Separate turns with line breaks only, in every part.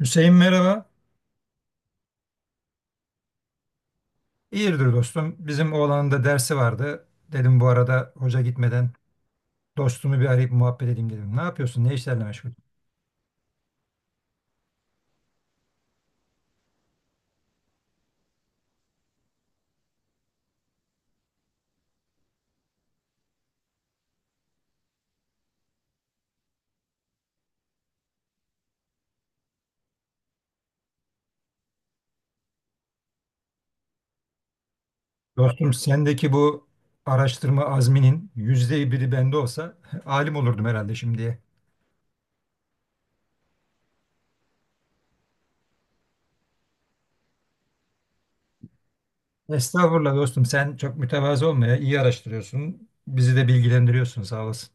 Hüseyin merhaba. İyidir dostum. Bizim oğlanın da dersi vardı. Dedim bu arada hoca gitmeden dostumu bir arayıp muhabbet edeyim dedim. Ne yapıyorsun? Ne işlerle meşgul? Dostum sendeki bu araştırma azminin yüzde biri bende olsa alim olurdum herhalde şimdiye. Estağfurullah dostum sen çok mütevazı olma ya. İyi araştırıyorsun. Bizi de bilgilendiriyorsun sağ olasın.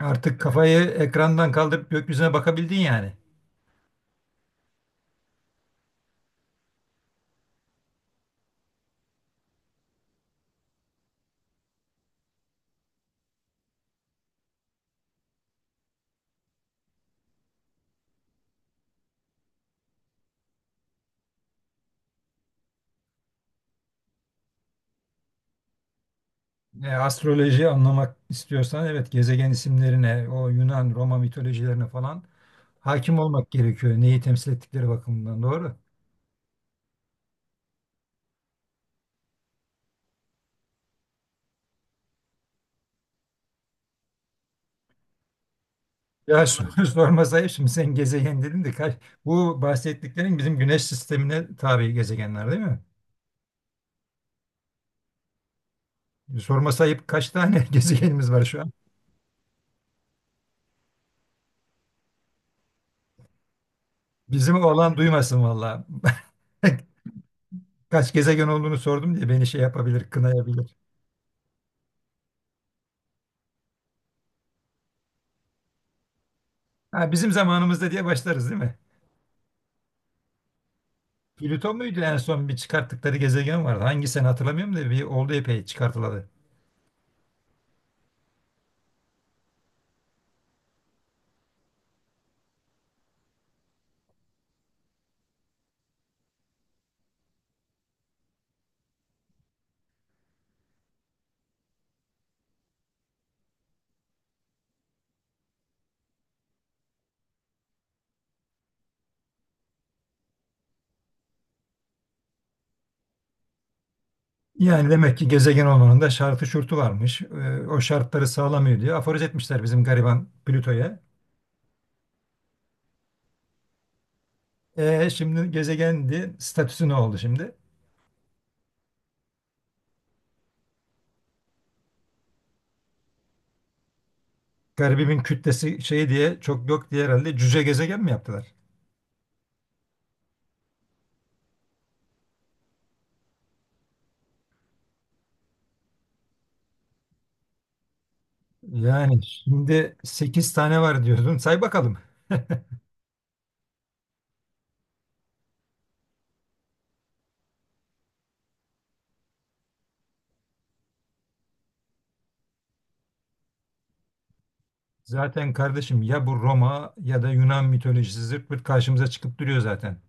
Artık kafayı ekrandan kaldırıp gökyüzüne bakabildin yani. Astrolojiyi anlamak istiyorsan evet gezegen isimlerine, o Yunan, Roma mitolojilerine falan hakim olmak gerekiyor. Neyi temsil ettikleri bakımından doğru. Ya soru sormasa ayıp, şimdi sen gezegen dedin de kaç, bu bahsettiklerin bizim güneş sistemine tabi gezegenler değil mi? Sorma sayıp kaç tane gezegenimiz var şu an? Bizim oğlan duymasın valla. Kaç gezegen olduğunu sordum diye beni şey yapabilir, kınayabilir. Ha, bizim zamanımızda diye başlarız değil mi? Plüton muydu en son bir çıkarttıkları gezegen vardı. Hangi sene hatırlamıyorum da bir oldu epey çıkartıladı. Yani demek ki gezegen olmanın da şartı şurtu varmış. O şartları sağlamıyor diye aforoz etmişler bizim gariban Plüto'ya. Şimdi gezegendi. Statüsü ne oldu şimdi? Garibimin kütlesi şey diye çok yok diye herhalde cüce gezegen mi yaptılar? Yani şimdi 8 tane var diyordun. Say bakalım. Zaten kardeşim ya bu Roma ya da Yunan mitolojisi zırt pırt karşımıza çıkıp duruyor zaten.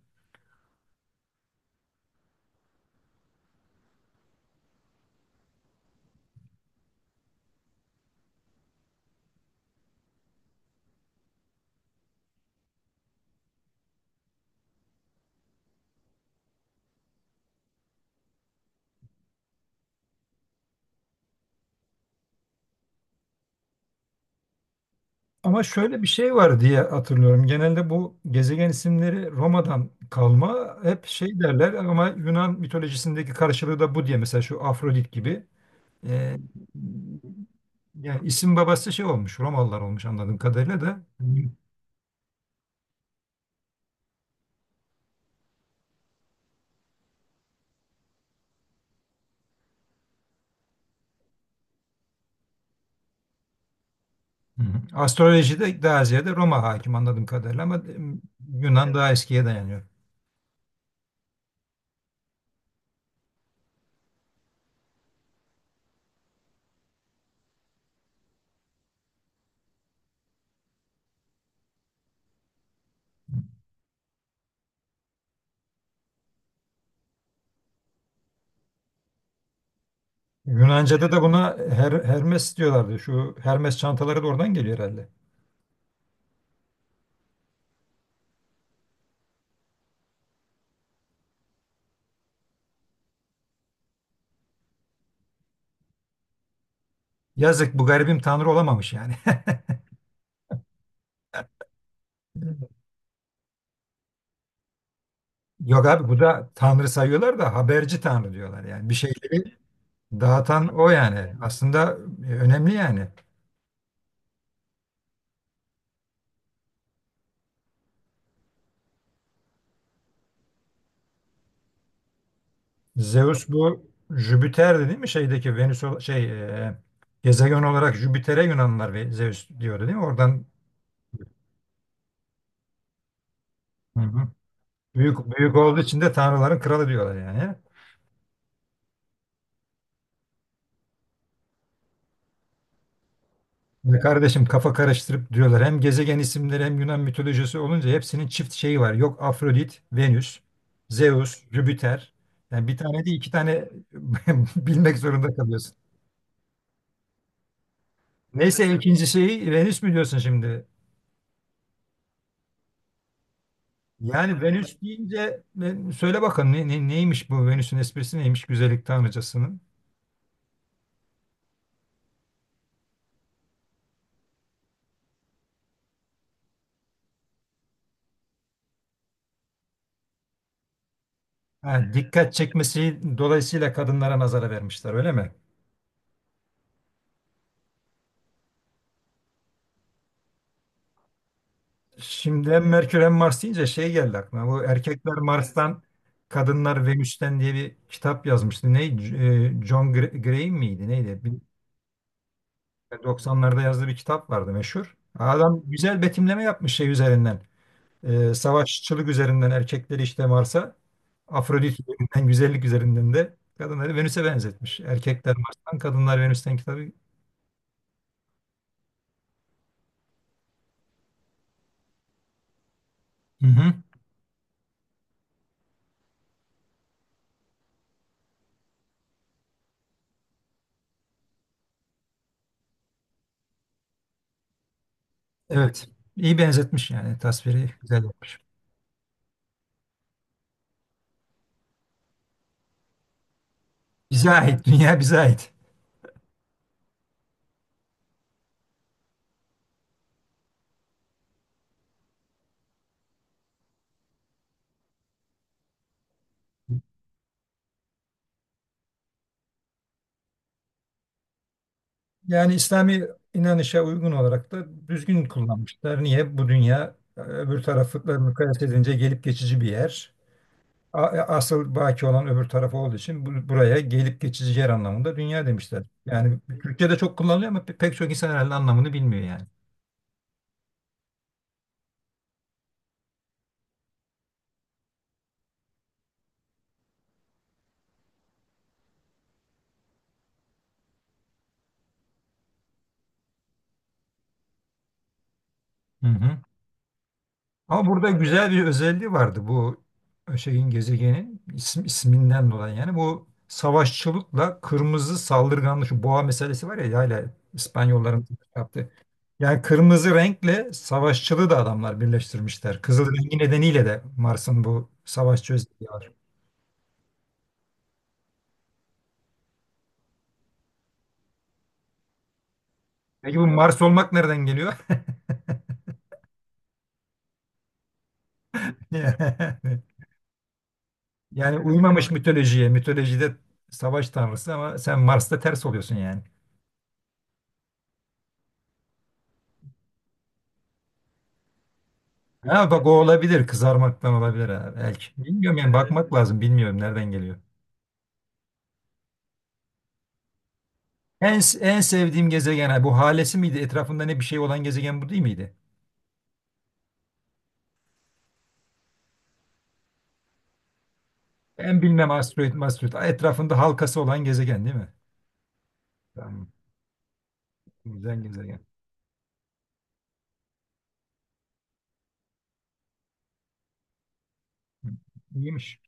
Ama şöyle bir şey var diye hatırlıyorum. Genelde bu gezegen isimleri Roma'dan kalma hep şey derler ama Yunan mitolojisindeki karşılığı da bu diye. Mesela şu Afrodit gibi. Ee, Yani isim babası şey olmuş Romalılar olmuş anladığım kadarıyla da. Hı hı. Astrolojide daha ziyade Roma hakim anladığım kadarıyla ama Yunan daha eskiye dayanıyor. Yunanca'da da buna Hermes diyorlardı. Şu Hermes çantaları da oradan geliyor herhalde. Yazık bu garibim tanrı olamamış yani. Yok abi bu da tanrı sayıyorlar da haberci tanrı diyorlar yani. Bir şeyleri dağıtan o yani. Aslında önemli yani. Zeus bu Jüpiter'di değil mi? Şeydeki Venüs şey e, gezegen olarak Jüpiter'e Yunanlılar ve Zeus diyordu değil mi? Oradan hı hı. Büyük olduğu için de tanrıların kralı diyorlar yani. Ya kardeşim kafa karıştırıp diyorlar. Hem gezegen isimleri hem Yunan mitolojisi olunca hepsinin çift şeyi var. Yok Afrodit, Venüs, Zeus, Jüpiter. Yani bir tane değil iki tane bilmek zorunda kalıyorsun. Neyse ikinci şeyi Venüs mü diyorsun şimdi? Yani Venüs deyince söyle bakalım ne, neymiş bu Venüs'ün esprisi neymiş güzellik tanrıcasının? Ha, dikkat çekmesi dolayısıyla kadınlara nazara vermişler öyle mi? Şimdi hem Merkür hem Mars deyince şey geldi aklıma. Bu Erkekler Mars'tan, Kadınlar Venüs'ten diye bir kitap yazmıştı. Ne? John Gray miydi? Neydi? 1990'larda yazdığı bir kitap vardı meşhur. Adam güzel betimleme yapmış şey üzerinden. Savaşçılık üzerinden erkekleri işte Mars'a, Afrodit üzerinden, güzellik üzerinden de kadınları Venüs'e benzetmiş. Erkekler Mars'tan, Kadınlar Venüs'ten kitabı. Hı hı. Evet. İyi benzetmiş yani. Tasviri güzel yapmış. Bize ait. Dünya bize ait. Yani İslami inanışa uygun olarak da düzgün kullanmışlar. Niye? Bu dünya öbür tarafla mukayese edince gelip geçici bir yer. Asıl baki olan öbür taraf olduğu için buraya gelip geçici yer anlamında dünya demişler. Yani Türkçe'de çok kullanılıyor ama pek çok insan herhalde anlamını bilmiyor yani. Hı hı. Ama burada güzel bir özelliği vardı bu şeyin gezegenin isim, isminden dolayı yani bu savaşçılıkla kırmızı saldırganlık şu boğa meselesi var ya hala İspanyolların yaptığı. Yani kırmızı renkle savaşçılığı da adamlar birleştirmişler. Kızıl rengi nedeniyle de Mars'ın bu savaşçı özelliği var. Peki bu Mars olmak nereden geliyor? Yani uymamış mitolojiye. Mitolojide savaş tanrısı ama sen Mars'ta ters oluyorsun yani. Ha bak o olabilir. Kızarmaktan olabilir ha belki. Bilmiyorum yani. Evet, bakmak lazım. Bilmiyorum nereden geliyor. En, en sevdiğim gezegen ha, bu halesi miydi? Etrafında ne bir şey olan gezegen bu değil miydi? Ben bilmem asteroid, asteroid. Etrafında halkası olan gezegen değil mi? Tamam. Güzel gezegen. Hı, İyiymiş.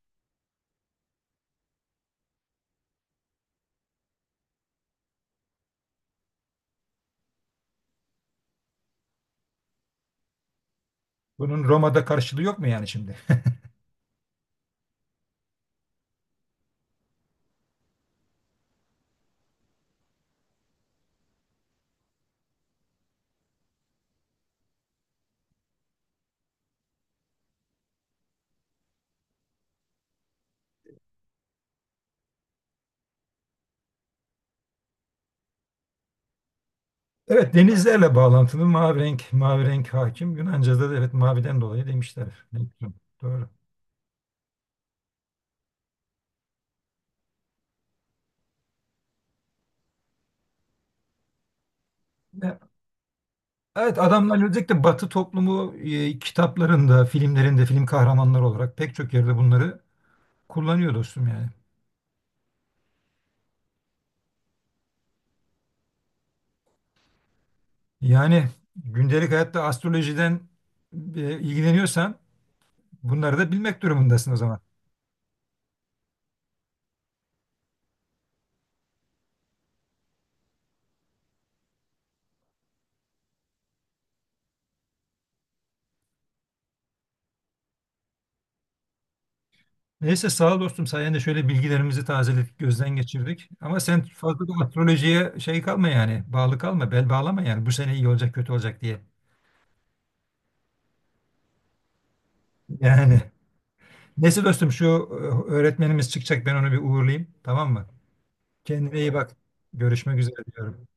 Bunun Roma'da karşılığı yok mu yani şimdi? Evet denizlerle bağlantılı mavi renk, mavi renk hakim. Yunanca'da da evet maviden dolayı demişler. Ne güzel, doğru. Evet adamlar özellikle Batı toplumu kitaplarında, filmlerinde, film kahramanları olarak pek çok yerde bunları kullanıyor dostum yani. Yani gündelik hayatta astrolojiden ilgileniyorsan bunları da bilmek durumundasın o zaman. Neyse sağ ol dostum sayende şöyle bilgilerimizi tazeledik, gözden geçirdik. Ama sen fazla da astrolojiye şey kalma yani, bağlı kalma, bel bağlama yani bu sene iyi olacak, kötü olacak diye. Yani neyse dostum şu öğretmenimiz çıkacak ben onu bir uğurlayayım tamam mı? Kendine iyi bak. Görüşmek üzere diyorum.